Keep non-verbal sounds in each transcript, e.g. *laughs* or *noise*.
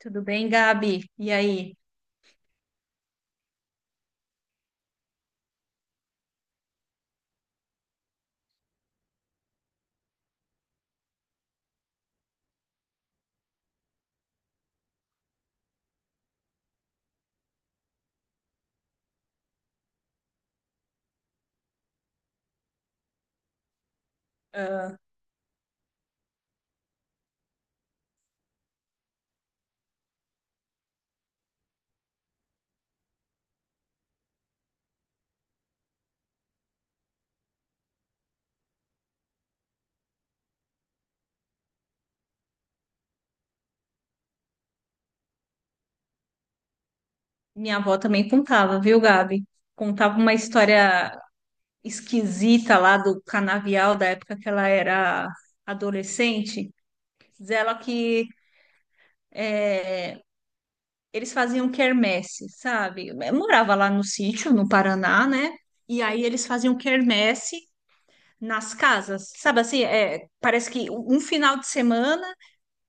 Tudo bem, Gabi? E aí? Ah, minha avó também contava, viu, Gabi? Contava uma história esquisita lá do canavial da época que ela era adolescente. Diz ela que eh, eles faziam quermesse, sabe? Eu morava lá no sítio, no Paraná, né? E aí eles faziam quermesse nas casas, sabe assim? Parece que um final de semana.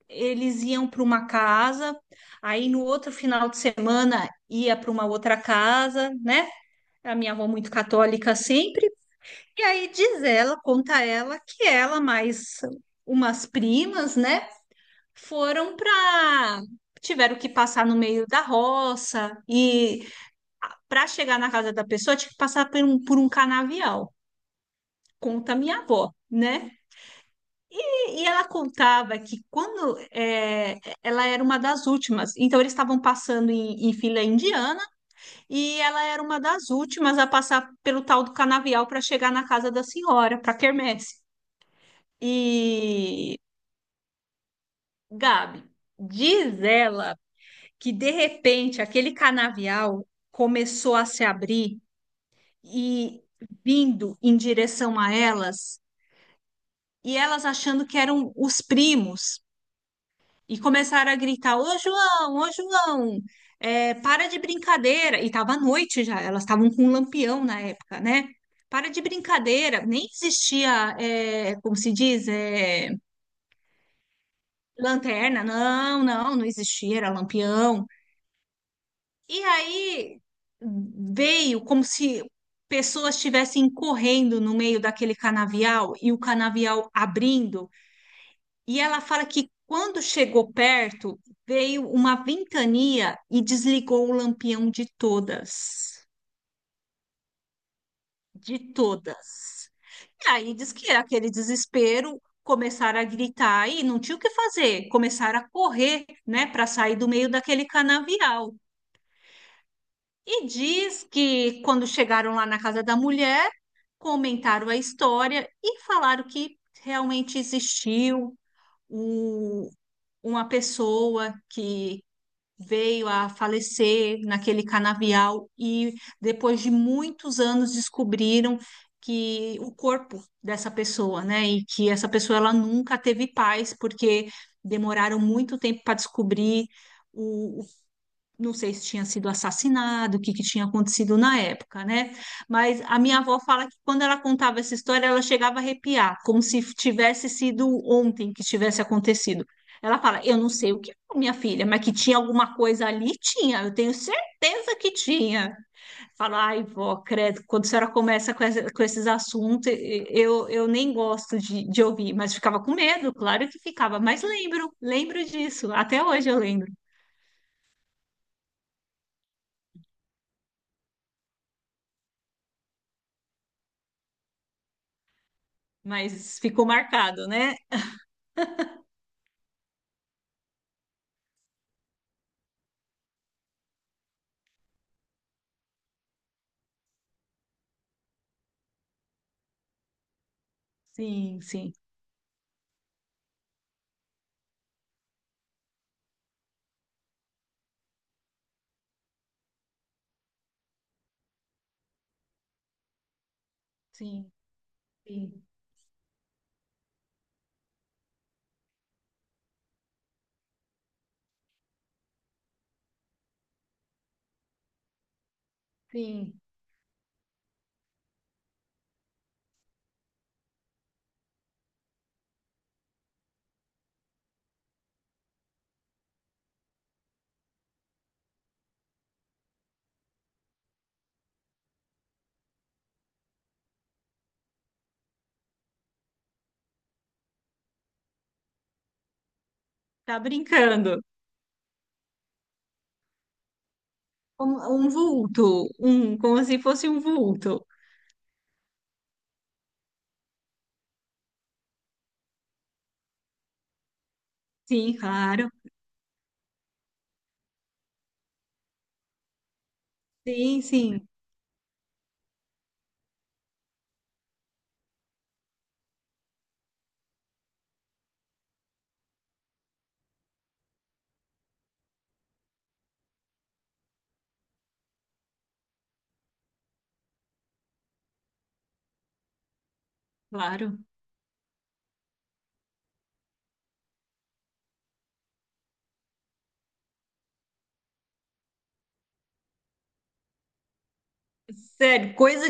Eles iam para uma casa, aí no outro final de semana ia para uma outra casa, né? A minha avó muito católica sempre. E aí diz ela, conta ela, que ela mais umas primas, né, foram para tiveram que passar no meio da roça e para chegar na casa da pessoa tinha que passar por um canavial. Conta minha avó, né? E ela contava que quando ela era uma das últimas, então eles estavam passando em fila indiana e ela era uma das últimas a passar pelo tal do canavial para chegar na casa da senhora, para quermesse. E Gabi, diz ela que de repente aquele canavial começou a se abrir e vindo em direção a elas, e elas achando que eram os primos. E começaram a gritar: ô João, é, para de brincadeira. E estava à noite já, elas estavam com um lampião na época, né? Para de brincadeira, nem existia, é, como se diz, é, lanterna, não existia, era lampião. E aí veio como se pessoas estivessem correndo no meio daquele canavial e o canavial abrindo. E ela fala que quando chegou perto, veio uma ventania e desligou o lampião de todas. De todas. E aí diz que aquele desespero começaram a gritar e não tinha o que fazer, começaram a correr, né, para sair do meio daquele canavial. E diz que quando chegaram lá na casa da mulher, comentaram a história e falaram que realmente existiu o- uma pessoa que veio a falecer naquele canavial e depois de muitos anos descobriram que o corpo dessa pessoa, né, e que essa pessoa ela nunca teve paz porque demoraram muito tempo para descobrir o, não sei se tinha sido assassinado, o que, que tinha acontecido na época, né? Mas a minha avó fala que quando ela contava essa história, ela chegava a arrepiar, como se tivesse sido ontem que tivesse acontecido. Ela fala: Eu não sei o que foi, minha filha, mas que tinha alguma coisa ali, tinha, eu tenho certeza que tinha. Fala: Ai, vó, credo, quando a senhora começa com, essa- com esses assuntos, eu nem gosto de ouvir, mas ficava com medo, claro que ficava, mas lembro, lembro disso, até hoje eu lembro, mas ficou marcado, né? Sim, sim, sim, sim, sim. Tá brincando. Um, um vulto, um, como se fosse um vulto. Sim, claro. Sim, sim, claro. Sério, coisa,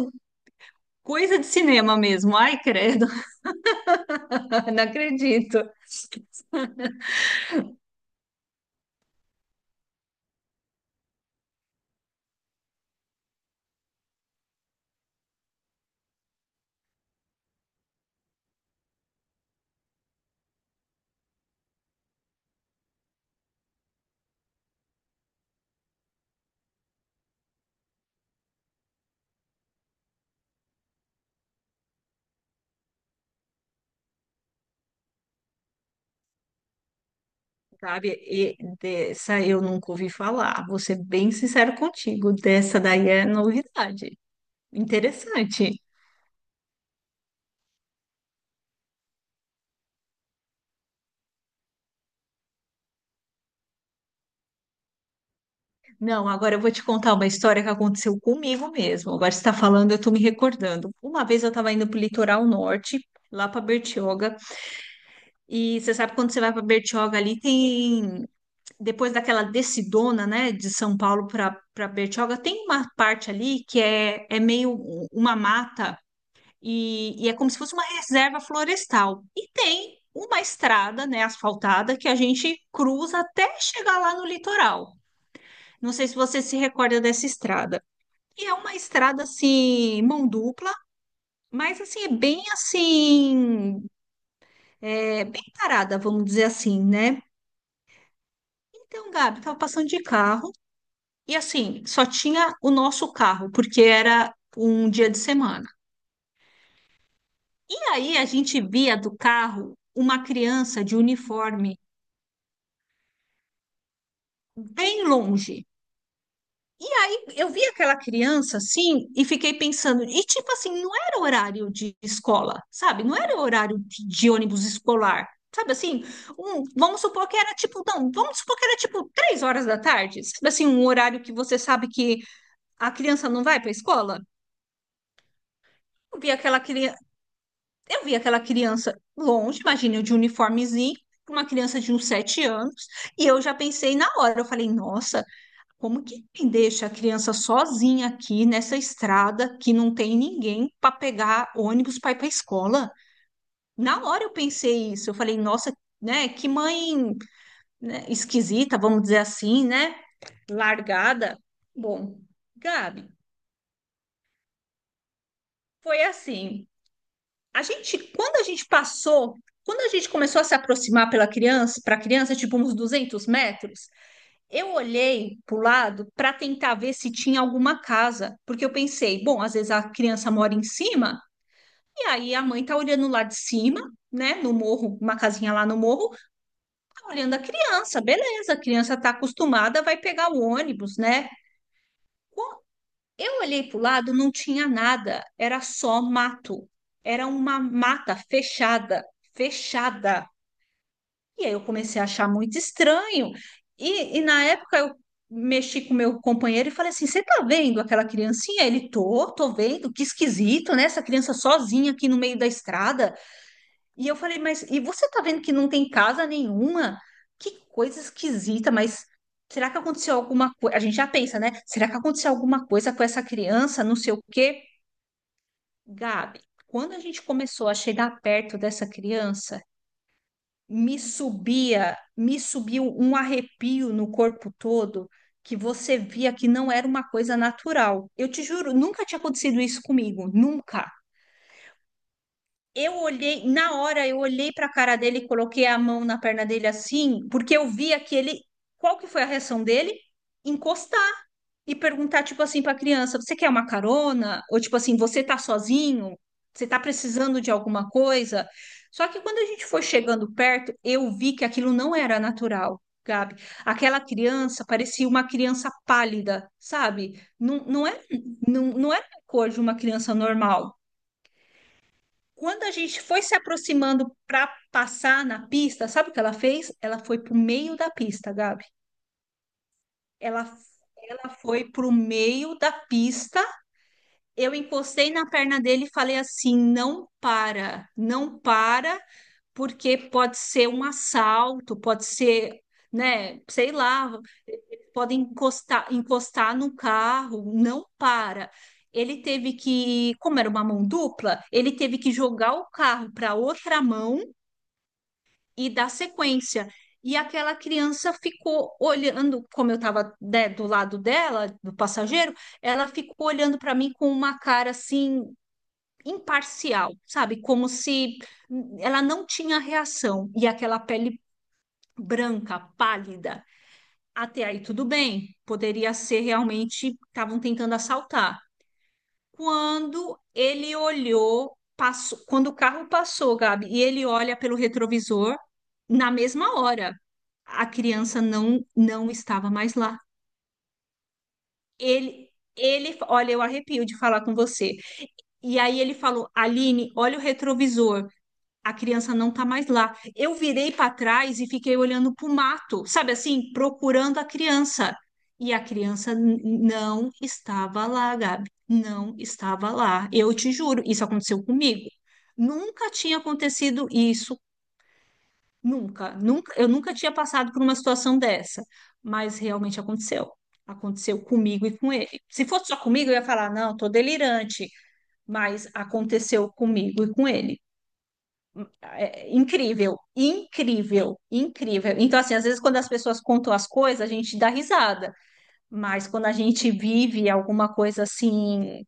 coisa de cinema mesmo. Ai, credo, *laughs* não acredito. Sabe, e dessa eu nunca ouvi falar. Vou ser bem sincero contigo. Dessa daí é novidade. Interessante. Não, agora eu vou te contar uma história que aconteceu comigo mesmo. Agora você está falando, eu estou me recordando. Uma vez eu estava indo para o litoral norte, lá para Bertioga, e você sabe quando você vai para Bertioga ali, tem. Depois daquela descidona, né, de São Paulo para Bertioga, tem uma parte ali que é, é meio uma mata, e é como se fosse uma reserva florestal. E tem uma estrada, né, asfaltada, que a gente cruza até chegar lá no litoral. Não sei se você se recorda dessa estrada. E é uma estrada assim, mão dupla, mas assim, é, bem parada, vamos dizer assim, né? Então, Gabi, tava passando de carro e assim, só tinha o nosso carro, porque era um dia de semana. E aí a gente via do carro uma criança de uniforme bem longe. Eu vi aquela criança assim e fiquei pensando, e tipo assim, não era horário de escola, sabe? Não era horário de ônibus escolar, sabe assim? Vamos supor que era tipo, não, vamos supor que era tipo 3 horas da tarde, sabe assim, um horário que você sabe que a criança não vai para a escola. Eu vi aquela criança, eu vi aquela criança longe, imagina eu de uniformezinho, uma criança de uns 7 anos, e eu já pensei na hora, eu falei, nossa. Como que quem deixa a criança sozinha aqui nessa estrada que não tem ninguém para pegar ônibus para ir para a escola? Na hora eu pensei isso, eu falei, nossa, né, que mãe, né, esquisita, vamos dizer assim, né, largada. Bom, Gabi, foi assim. A gente, quando a gente passou, quando a gente começou a se aproximar pela criança, para a criança, tipo uns 200 metros, eu olhei para o lado para tentar ver se tinha alguma casa, porque eu pensei, bom, às vezes a criança mora em cima, e aí a mãe tá olhando lá de cima, né, no morro, uma casinha lá no morro, tá olhando a criança, beleza, a criança tá acostumada, vai pegar o ônibus, né? Bom, eu olhei para o lado, não tinha nada, era só mato, era uma mata fechada, fechada. E aí eu comecei a achar muito estranho. E na época eu mexi com meu companheiro e falei assim: você tá vendo aquela criancinha? Ele tô, tô vendo, que esquisito, né? Essa criança sozinha aqui no meio da estrada. E eu falei, mas e você tá vendo que não tem casa nenhuma? Que coisa esquisita, mas. Será que aconteceu alguma coisa? A gente já pensa, né? Será que aconteceu alguma coisa com essa criança? Não sei o quê. Gabi, quando a gente começou a chegar perto dessa criança, me subia, me subiu um arrepio no corpo todo que você via que não era uma coisa natural. Eu te juro, nunca tinha acontecido isso comigo, nunca. Eu olhei, na hora eu olhei para a cara dele e coloquei a mão na perna dele assim, porque eu via que ele, qual que foi a reação dele? E perguntar, tipo assim, para a criança: você quer uma carona? Ou tipo assim, você tá sozinho? Você tá precisando de alguma coisa? Só que quando a gente foi chegando perto, eu vi que aquilo não era natural, Gabi. Aquela criança parecia uma criança pálida, sabe? Não era a cor de uma criança normal. Quando a gente foi se aproximando para passar na pista, sabe o que ela fez? Ela foi para o meio da pista, Gabi. Ela, ela foi para o meio da pista. Eu encostei na perna dele e falei assim: não para, não para, porque pode ser um assalto, pode ser, né, sei lá, pode encostar, encostar no carro, não para. Ele teve que, como era uma mão dupla, ele teve que jogar o carro para outra mão e dar sequência. E aquela criança ficou olhando, como eu estava, do lado dela, do passageiro, ela ficou olhando para mim com uma cara assim imparcial, sabe? Como se ela não tinha reação e aquela pele branca, pálida. Até aí tudo bem, poderia ser realmente estavam tentando assaltar. Quando ele olhou, passou, quando o carro passou, Gabi, e ele olha pelo retrovisor, na mesma hora, a criança não estava mais lá. Ele ele, olha, eu arrepio de falar com você. E aí ele falou: Aline, olha o retrovisor. A criança não tá mais lá. Eu virei para trás e fiquei olhando para o mato, sabe assim, procurando a criança. E a criança não estava lá, Gabi. Não estava lá. Eu te juro, isso aconteceu comigo. Nunca tinha acontecido isso, nunca, nunca, eu nunca tinha passado por uma situação dessa, mas realmente aconteceu. Aconteceu comigo e com ele. Se fosse só comigo, eu ia falar, não, tô delirante, mas aconteceu comigo e com ele. É incrível, incrível, incrível. Então, assim, às vezes quando as pessoas contam as coisas, a gente dá risada, mas quando a gente vive alguma coisa assim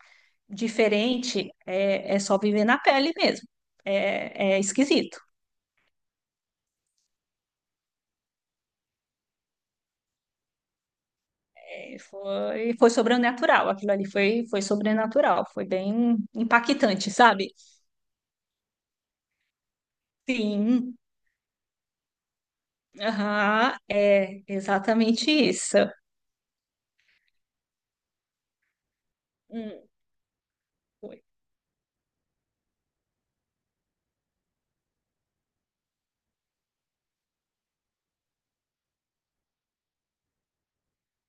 diferente, é, é só viver na pele mesmo. É, é esquisito. É, foi, foi sobrenatural, aquilo ali foi, foi sobrenatural, foi bem impactante, sabe? Sim, aham, é exatamente isso. Hum, foi.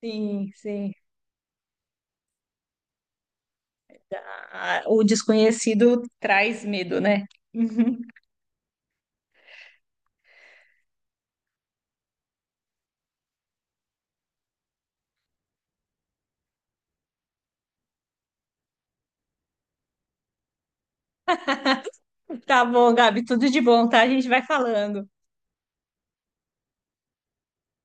Sim, sim. O desconhecido traz medo, né? Uhum. Tá bom, Gabi, tudo de bom, tá? A gente vai falando.